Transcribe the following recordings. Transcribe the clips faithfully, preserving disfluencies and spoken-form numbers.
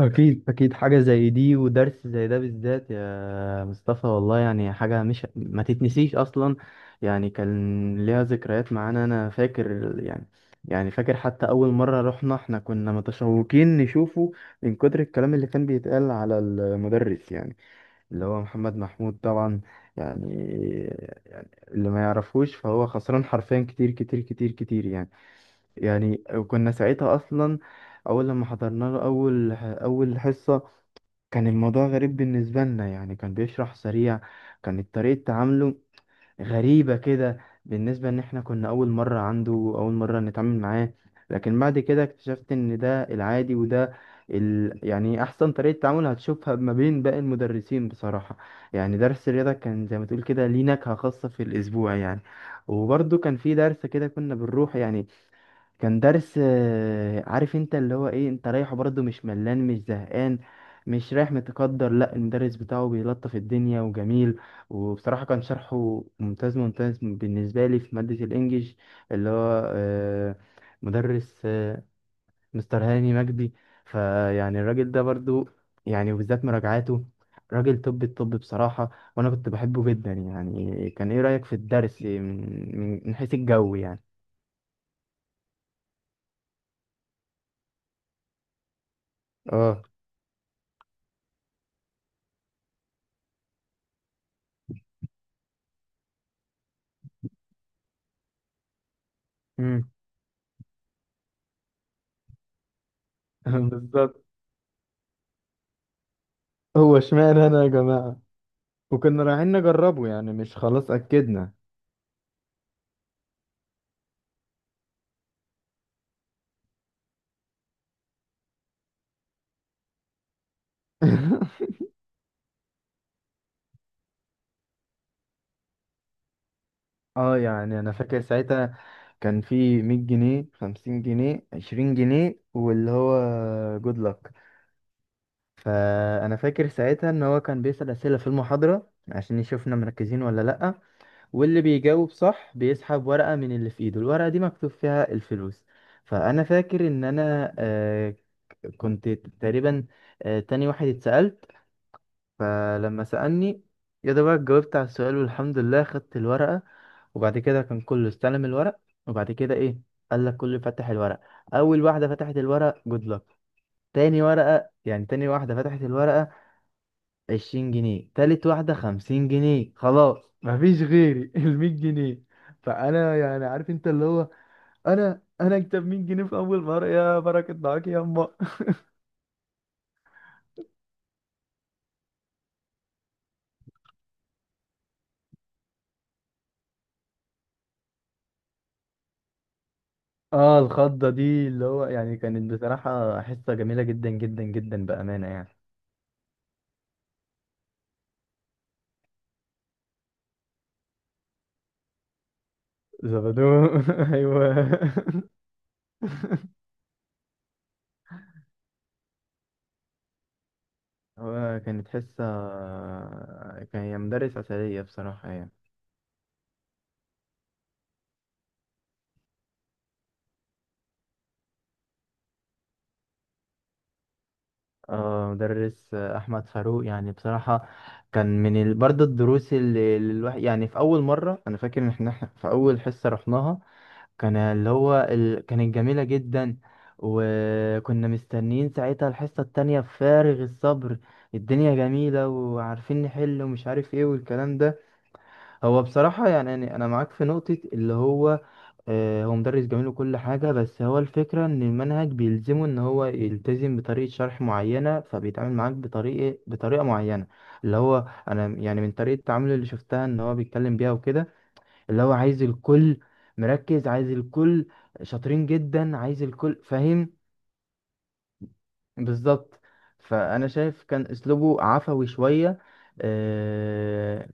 أكيد أكيد، حاجة زي دي ودرس زي ده بالذات يا مصطفى والله يعني حاجة مش ما تتنسيش أصلا. يعني كان ليها ذكريات معانا أنا فاكر يعني. يعني فاكر حتى أول مرة رحنا، احنا كنا متشوقين نشوفه من كتر الكلام اللي كان بيتقال على المدرس، يعني اللي هو محمد محمود طبعا. يعني يعني اللي ما يعرفوش فهو خسران حرفيا، كتير كتير كتير كتير يعني. يعني كنا ساعتها اصلا اول لما حضرنا له اول اول حصة، كان الموضوع غريب بالنسبة لنا يعني، كان بيشرح سريع. كانت طريقة تعامله غريبة كده، بالنسبة ان احنا كنا اول مرة عنده، اول مرة نتعامل معاه. لكن بعد كده اكتشفت ان ده العادي، وده ال... يعني احسن طريقة تعامل هتشوفها ما بين باقي المدرسين بصراحة. يعني درس الرياضة كان زي ما تقول كده، ليه نكهة خاصة في الاسبوع يعني. وبرضه كان في درس كده كنا بنروح يعني، كان درس آه، عارف انت اللي هو ايه، انت رايحه برضه مش ملان مش زهقان، مش رايح متقدر، لا المدرس بتاعه بيلطف الدنيا وجميل. وبصراحة كان شرحه ممتاز ممتاز بالنسبة لي في مادة الانجليش، اللي هو آه، مدرس آه، مستر هاني مجدي. فيعني الراجل ده برضه يعني، وبالذات مراجعاته، راجل طب الطب بصراحة. وانا كنت بحبه جدا يعني. كان ايه رأيك في الدرس من من من حيث الجو يعني؟ اه امم بالظبط. هو اشمعنى انا يا جماعة؟ وكنا رايحين نجربه يعني، مش خلاص اكدنا. اه يعني انا فاكر ساعتها كان في مية جنيه خمسين جنيه عشرين جنيه واللي هو جود لك. فانا فاكر ساعتها ان هو كان بيسأل اسئلة في المحاضرة عشان يشوفنا مركزين ولا لأ، واللي بيجاوب صح بيسحب ورقة من اللي في ايده، الورقة دي مكتوب فيها الفلوس. فانا فاكر ان انا آه، كنت تقريبا آه، تاني واحد اتسألت. فلما سألني، يا ده بقى، جاوبت على السؤال والحمد لله خدت الورقة. وبعد كده كان كله استلم الورق. وبعد كده ايه، قال لك كله فتح الورق. اول واحدة فتحت الورق جود لك، تاني ورقة يعني تاني واحدة فتحت الورقة، عشرين جنيه، تالت واحدة خمسين جنيه، خلاص مفيش غيري المية جنيه. فأنا يعني عارف انت اللي هو، انا انا اكتب مية جنيه في اول مرة، يا بركة معاك يا أمه. اه الخضة دي اللي هو يعني كانت بصراحة حصة جميلة جدا جدا جدا بأمانة يعني. زبدو ايوه. هو كانت حصة، كان هي مدرس عسلية بصراحة يعني. اه مدرس أحمد فاروق يعني بصراحة، كان من ال... برضه الدروس اللي اللي الواحد يعني، في أول مرة أنا فاكر إن إحنا إحنا في أول حصة رحناها، كان اللي هو ال... كانت جميلة جدا. وكنا مستنيين ساعتها الحصة التانية بفارغ الصبر، الدنيا جميلة وعارفين نحل ومش عارف ايه والكلام ده. هو بصراحة يعني أنا أنا معاك في نقطة اللي هو، آه، هو مدرس جميل وكل حاجة، بس هو الفكرة إن المنهج بيلزمه إن هو يلتزم بطريقة شرح معينة، فبيتعامل معاك بطريقة بطريقة معينة. اللي هو أنا يعني من طريقة تعامله اللي شفتها إن هو بيتكلم بيها وكده، اللي هو عايز الكل مركز، عايز الكل شاطرين جدا، عايز الكل فاهم. بالظبط. فأنا شايف كان أسلوبه عفوي شوية، آه،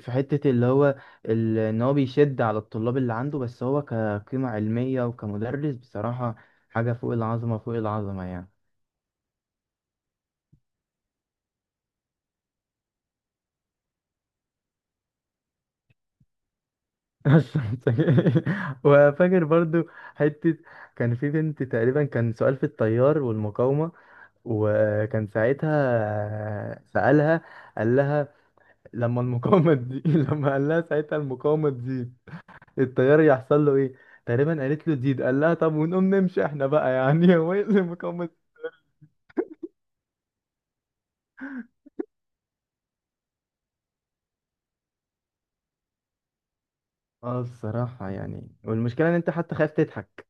في حتة اللي هو ال- إن هو بيشد على الطلاب اللي عنده. بس هو كقيمة علمية وكمدرس بصراحة حاجة فوق العظمة فوق العظمة يعني. بس وفاكر برضو حتة، كان في بنت تقريبا، كان سؤال في التيار والمقاومة، وكان ساعتها سألها، قال لها لما المقاومة دي لما قال لها ساعتها المقاومة دي التيار يحصل له ايه، تقريبا قالت له تزيد، قال لها طب ونقوم نمشي احنا بقى يعني هو ايه اللي المقاومة دي؟ اه الصراحة يعني، والمشكلة ان انت حتى خايف تضحك.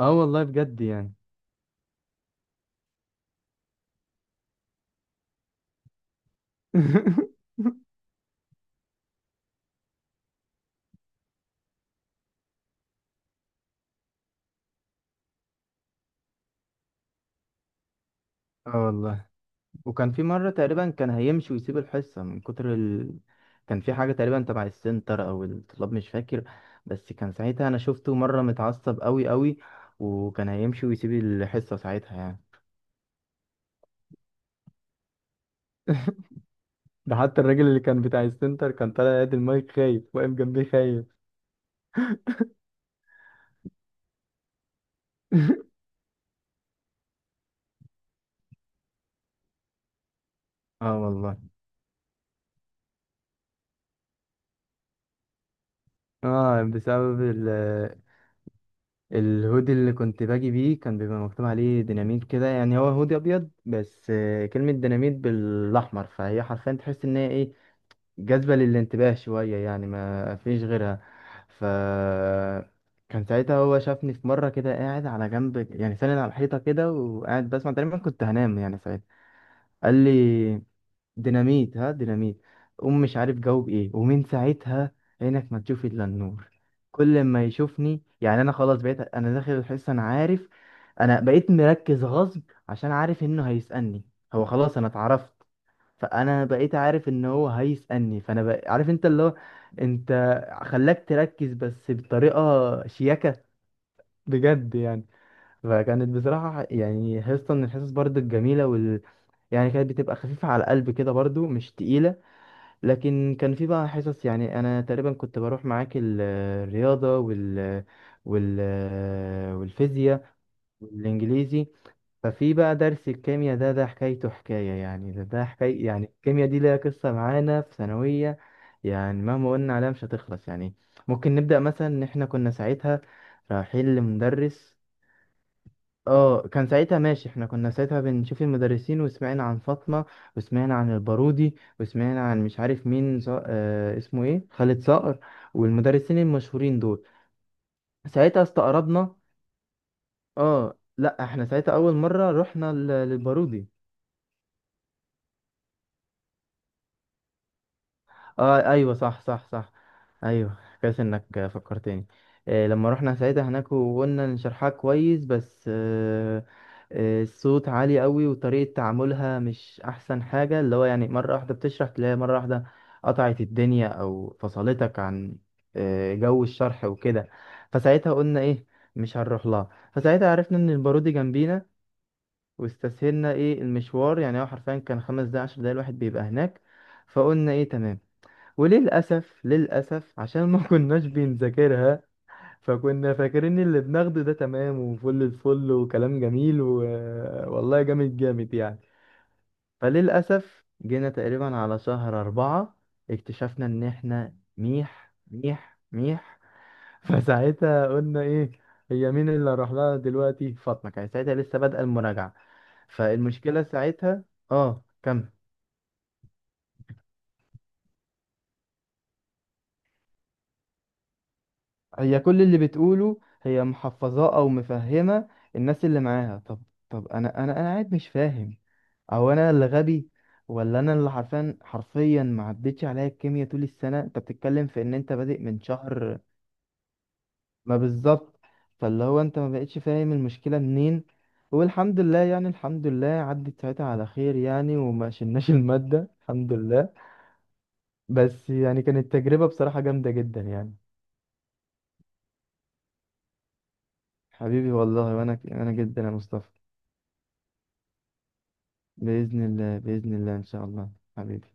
اه والله بجد يعني. اه والله، وكان في مرة تقريبا كان هيمشي ويسيب الحصة من كتر ال... كان في حاجة تقريبا تبع السنتر أو الطلاب مش فاكر، بس كان ساعتها أنا شفته مرة متعصب أوي أوي، وكان هيمشي ويسيب الحصة ساعتها يعني. ده حتى الراجل اللي كان بتاع السنتر كان طالع يد المايك خايف، واقف جنبيه خايف. اه والله. اه بسبب ال... الهودي اللي كنت باجي بيه كان بيبقى مكتوب عليه ديناميت كده، يعني هو هودي أبيض بس آه، كلمة ديناميت بالأحمر، فهي حرفيا تحس إن هي إيه، جذبة للانتباه شوية يعني ما فيش غيرها. ف كان ساعتها هو شافني في مرة كده قاعد على جنب يعني ساند على الحيطة كده وقاعد بسمع، تقريبا كنت هنام يعني ساعتها. قال لي ديناميت، ها ديناميت، قوم. مش عارف جاوب ايه، ومن ساعتها عينك ما تشوف الا النور، كل ما يشوفني يعني انا خلاص بقيت انا داخل الحصة انا عارف، انا بقيت مركز غصب عشان عارف انه هيسألني، هو خلاص انا اتعرفت. فانا بقيت عارف ان هو هيسألني، فانا بق... عارف انت اللي هو، انت خلاك تركز بس بطريقة شياكة بجد يعني. فكانت بصراحة يعني حصة من الحصص برضو الجميلة وال... يعني كانت بتبقى خفيفة على القلب كده برضو مش تقيلة. لكن كان في بقى حصص يعني، أنا تقريبا كنت بروح معاك ال- الرياضة وال... وال... والفيزياء والإنجليزي. ففي بقى درس الكيمياء ده، ده حكايته حكاية يعني، ده ده حكاية يعني، الكيمياء دي ليها قصة معانا في ثانوية. يعني مهما قلنا عليها مش هتخلص يعني. ممكن نبدأ مثلا إن إحنا كنا ساعتها رايحين لمدرس. اه كان ساعتها ماشي، احنا كنا ساعتها بنشوف المدرسين، وسمعنا عن فاطمة وسمعنا عن البارودي وسمعنا عن مش عارف مين، ص... آه اسمه ايه، خالد صقر، والمدرسين المشهورين دول. ساعتها استقربنا. اه لا احنا ساعتها اول مرة رحنا لل- للبارودي. اه ايوه صح صح صح، ايوه كويس انك فكرتني. إيه لما رحنا ساعتها هناك وقلنا إن شرحها كويس، بس آه، آه، الصوت عالي قوي، وطريقة تعاملها مش احسن حاجة اللي هو يعني، مرة واحدة بتشرح تلاقيها مرة واحدة قطعت الدنيا او فصلتك عن آه، جو الشرح وكده. فساعتها قلنا ايه، مش هنروح لها. فساعتها عرفنا ان البارودي جنبينا، واستسهلنا ايه المشوار، يعني هو حرفيا كان خمس دقايق عشر دقايق الواحد بيبقى هناك، فقلنا ايه تمام. وللأسف للأسف عشان ما كناش بنذاكرها، فكنا فاكرين اللي بناخده ده تمام وفل الفل وكلام جميل و... والله جامد جامد يعني. فللأسف جينا تقريبا على شهر أربعة، اكتشفنا إن إحنا ميح ميح ميح فساعتها قلنا إيه، هي مين اللي هروح لها دلوقتي؟ فاطمة كانت ساعتها لسه بادئة المراجعة. فالمشكلة ساعتها، آه كمل، هي كل اللي بتقوله هي محفظاه او مفهمه الناس اللي معاها. طب طب انا انا انا قاعد مش فاهم، او انا اللي غبي، ولا انا اللي حرفيا حرفيا ما عدتش عليا الكيمياء طول السنه، انت بتتكلم في ان انت بادئ من شهر. ما بالظبط. فاللي هو انت ما بقتش فاهم المشكله منين، والحمد لله يعني الحمد لله عدت ساعتها على خير يعني وما شلناش الماده الحمد لله. بس يعني كانت تجربه بصراحه جامده جدا يعني. حبيبي والله، وانا انا جدا يا مصطفى. بإذن الله بإذن الله إن شاء الله حبيبي.